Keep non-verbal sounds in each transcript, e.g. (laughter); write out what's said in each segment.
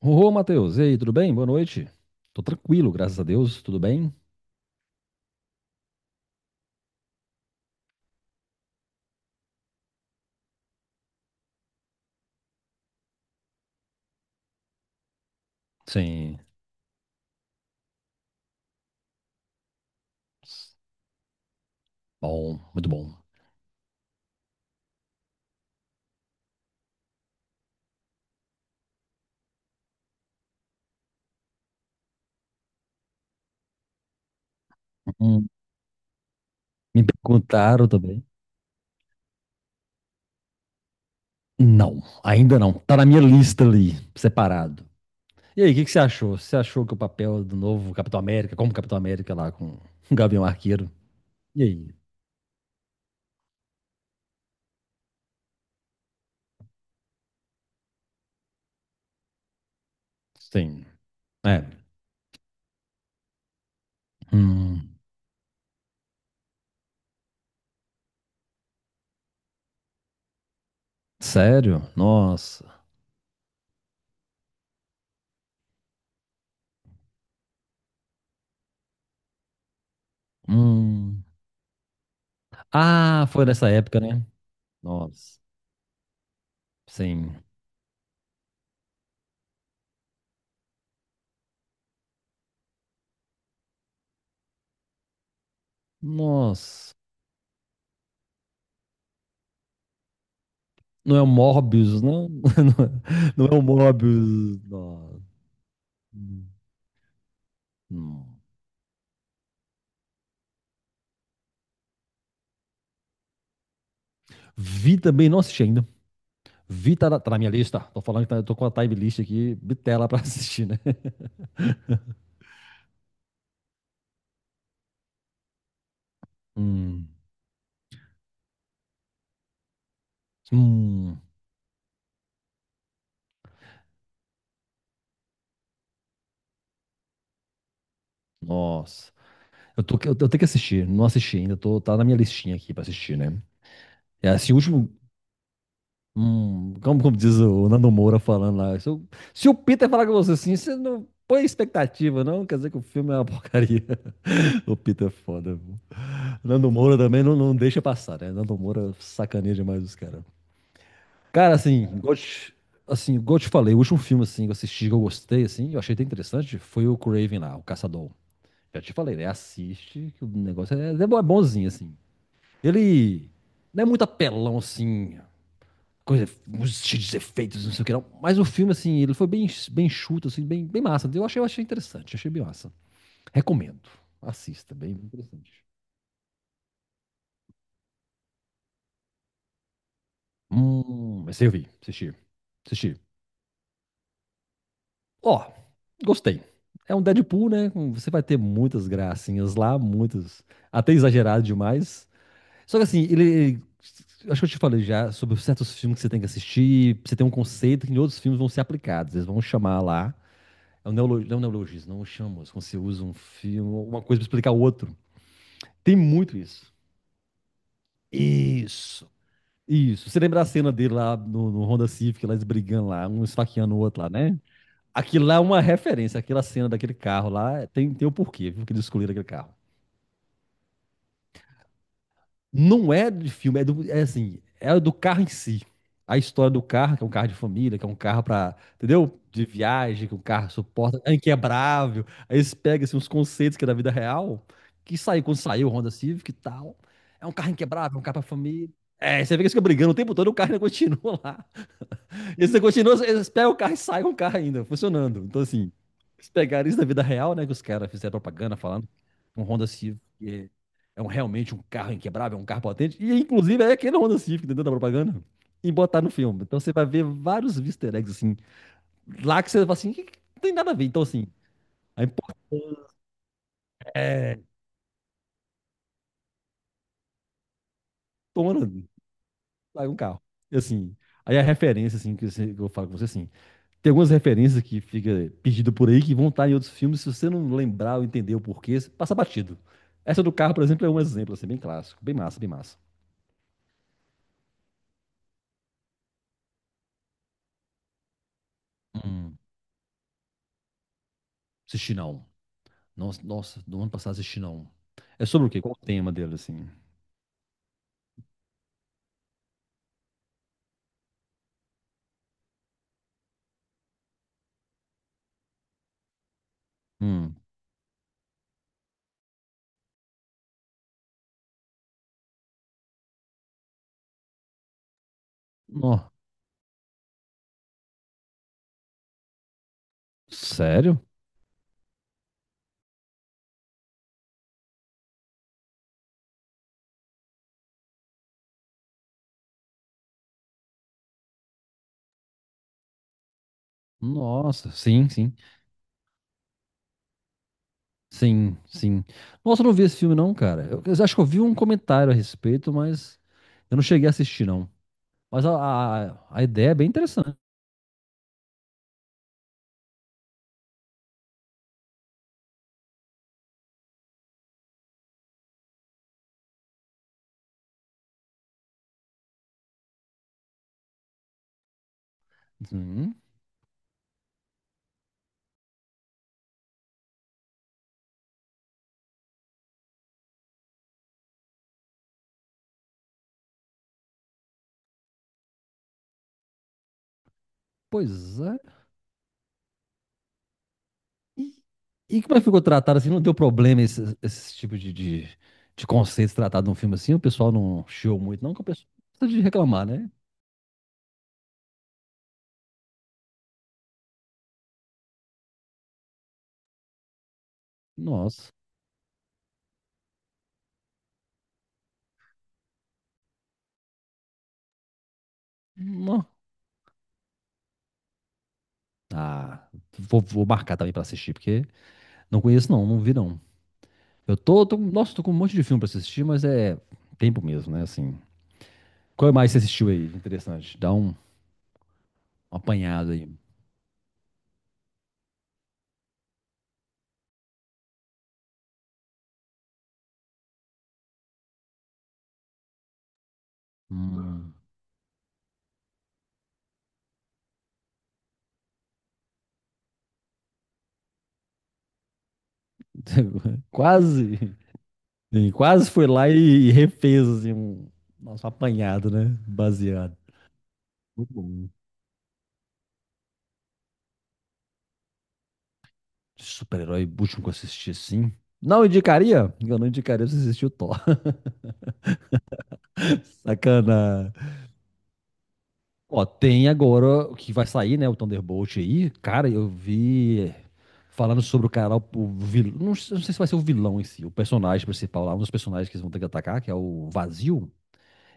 Ô, Matheus, e aí, tudo bem? Boa noite. Tô tranquilo, graças a Deus, tudo bem? Sim. Bom, muito bom. Hum, Me perguntaram também. Não, ainda não. Tá na minha lista ali, separado. E aí, o que que você achou? Você achou que o papel do novo Capitão América, como Capitão América lá com (laughs) o Gavião Arqueiro? E aí? Sim. É. Hum, sério? Nossa. Hum. Ah, foi nessa época, né? Nossa. Sim. Nossa. Não é o Morbius, não. (laughs) Não é o Morbius. Não. Não. Vi também, não assisti ainda. Vi, tá na minha lista. Tô falando que tá, eu tô com a time list aqui, bitela pra (laughs) assistir, né? Hum. Hum. Nossa. Eu tenho que assistir, não assisti ainda. Tô, tá na minha listinha aqui pra assistir, né? É assim, o último. Como, como diz o Nando Moura falando lá. Se o Peter falar com você assim, você não põe expectativa, não. Quer dizer que o filme é uma porcaria. (laughs) O Peter é foda, viu? Nando Moura também não, não deixa passar, né? Nando Moura sacaneia demais os caras. Cara, assim, igual eu te- Assim, igual eu te falei, o último filme assim, que eu assisti, que eu gostei, assim, eu achei até interessante, foi o Craven lá, o Caçador. Já te falei, né? Assiste, que o negócio é, é bonzinho, assim. Ele não é muito apelão, assim, coisa, uns cheios de efeitos, não sei o que não, mas o filme, assim, ele foi bem, bem chuto, assim, bem, bem massa. Eu achei interessante, achei bem massa. Recomendo. Assista, bem interessante. Mas eu vi, assisti. Assisti. Ó, gostei. É um Deadpool, né? Você vai ter muitas gracinhas lá, muitas. Até exagerado demais. Só que assim, ele. Ele- Acho que eu te falei já sobre certos filmes que você tem que assistir. Você tem um conceito que em outros filmes vão ser aplicados. Eles vão chamar lá. Não é um neologismo, não chama. Quando você usa um filme, uma coisa pra explicar o outro. Tem muito isso. Isso. Isso. Você lembra a cena dele lá no Honda Civic, lá eles brigando lá, um esfaqueando o outro lá, né? Aquilo lá é uma referência, aquela cena daquele carro lá tem, tem o porquê, viu, que eles escolheram aquele carro. Não é de filme, é, do, é assim, é do carro em si. A história do carro, que é um carro de família, que é um carro pra, entendeu? De viagem, que o carro suporta, é inquebrável. Aí eles pegam assim, uns conceitos que é da vida real, que saiu quando saiu o Honda Civic e tal. É um carro inquebrável, é um carro pra família. É, você vê que eles ficam brigando o tempo todo e o carro ainda continua lá. E você continua, eles pegam o carro e saem com o carro ainda, funcionando. Então, assim, eles pegaram isso da vida real, né? Que os caras fizeram propaganda falando que um Honda Civic é, é um, realmente um carro inquebrável, é um carro potente. E, inclusive, é aquele Honda Civic dentro da propaganda e botar no filme. Então, você vai ver vários easter eggs, assim, lá que você fala assim, que não tem nada a ver. Então, assim, a importona sai um carro. E, assim, aí a referência, assim, que eu falo com você, assim, tem algumas referências que fica pedido por aí que vão estar em outros filmes. Se você não lembrar ou entender o porquê, você passa batido. Essa do carro, por exemplo, é um exemplo, assim, bem clássico. Bem massa, bem massa. Hum, assisti não. Nossa, nossa, no ano passado assisti não. É sobre o quê? Qual o tema dele, assim? Hum. Nó. Sério? Nossa, sim, sim. Sim, sim. Nossa, eu não vi esse filme, não, cara. Eu acho que eu vi um comentário a respeito, mas eu não cheguei a assistir, não. Mas a ideia é bem interessante. Hum, pois é. E, e como é que ficou tratado assim? Não deu problema esse, esse tipo de conceitos tratados num filme assim? O pessoal não chiou muito, não, que o pessoal gosta de reclamar, né? Nossa. Não. Ah, vou, vou marcar também pra assistir, porque não conheço, não, não vi, não. Eu tô, tô, nossa, tô com um monte de filme pra assistir, mas é tempo mesmo, né? Assim, qual mais você assistiu aí? Interessante. Dá um, um apanhado aí. Hum. (laughs) Quase, sim, quase foi lá e refez, assim, um, nosso apanhado, né? Baseado. Muito bom. De super-herói último que eu assisti assim. Não indicaria? Eu não indicaria você assistir o Thor. (laughs) Sacana. Ó, tem agora o que vai sair, né? O Thunderbolt aí. Cara, eu vi falando sobre o cara, o vilão. Não, sei não sei se vai ser o vilão em si, o personagem principal lá, um dos personagens que eles vão ter que atacar, que é o Vazio.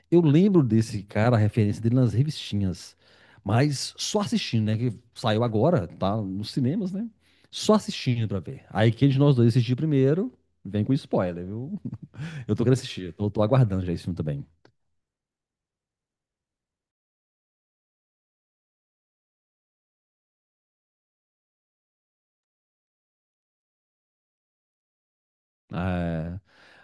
Eu lembro desse cara, a referência dele nas revistinhas, mas só assistindo, né? Que saiu agora, tá nos cinemas, né? Só assistindo pra ver. Aí quem de nós dois assistir primeiro, vem com spoiler, viu? Eu tô querendo assistir, tô, tô aguardando já esse filme também. É,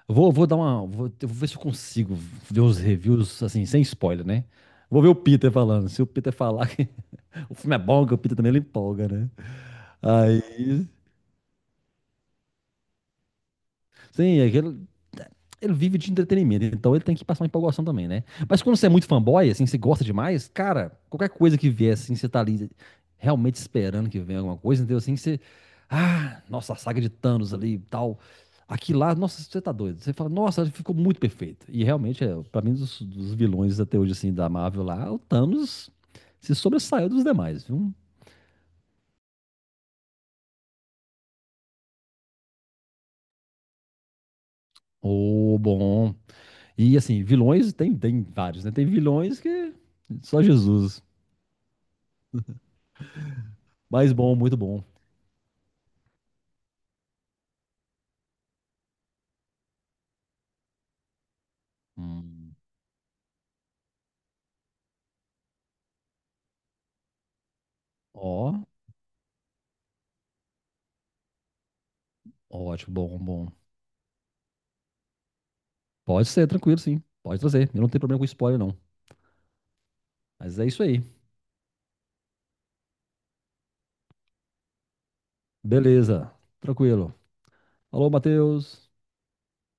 vou, vou dar uma. Eu vou ver se eu consigo ver os reviews, assim, sem spoiler, né? Vou ver o Peter falando. Se o Peter falar que (laughs) o filme é bom, que o Peter também ele empolga, né? Aí. Sim, aquele, ele vive de entretenimento, então ele tem que passar uma empolgação também, né? Mas quando você é muito fanboy, assim, você gosta demais, cara, qualquer coisa que vier, assim, você tá ali realmente esperando que venha alguma coisa, entendeu? Assim, você. Ah, nossa, a saga de Thanos ali e tal. Aqui lá, nossa, você tá doido. Você fala, nossa, ficou muito perfeito. E realmente, é, pra mim, dos vilões até hoje, assim, da Marvel lá, o Thanos se sobressaiu dos demais, viu? Ô, bom. E assim, vilões tem, tem vários, né? Tem vilões que. Só Jesus. Mas bom, muito bom. Hum, Ó, ótimo, bom, bom. Pode ser, tranquilo, sim. Pode trazer. Eu não tenho problema com spoiler, não. Mas é isso aí. Beleza, tranquilo. Alô, Matheus.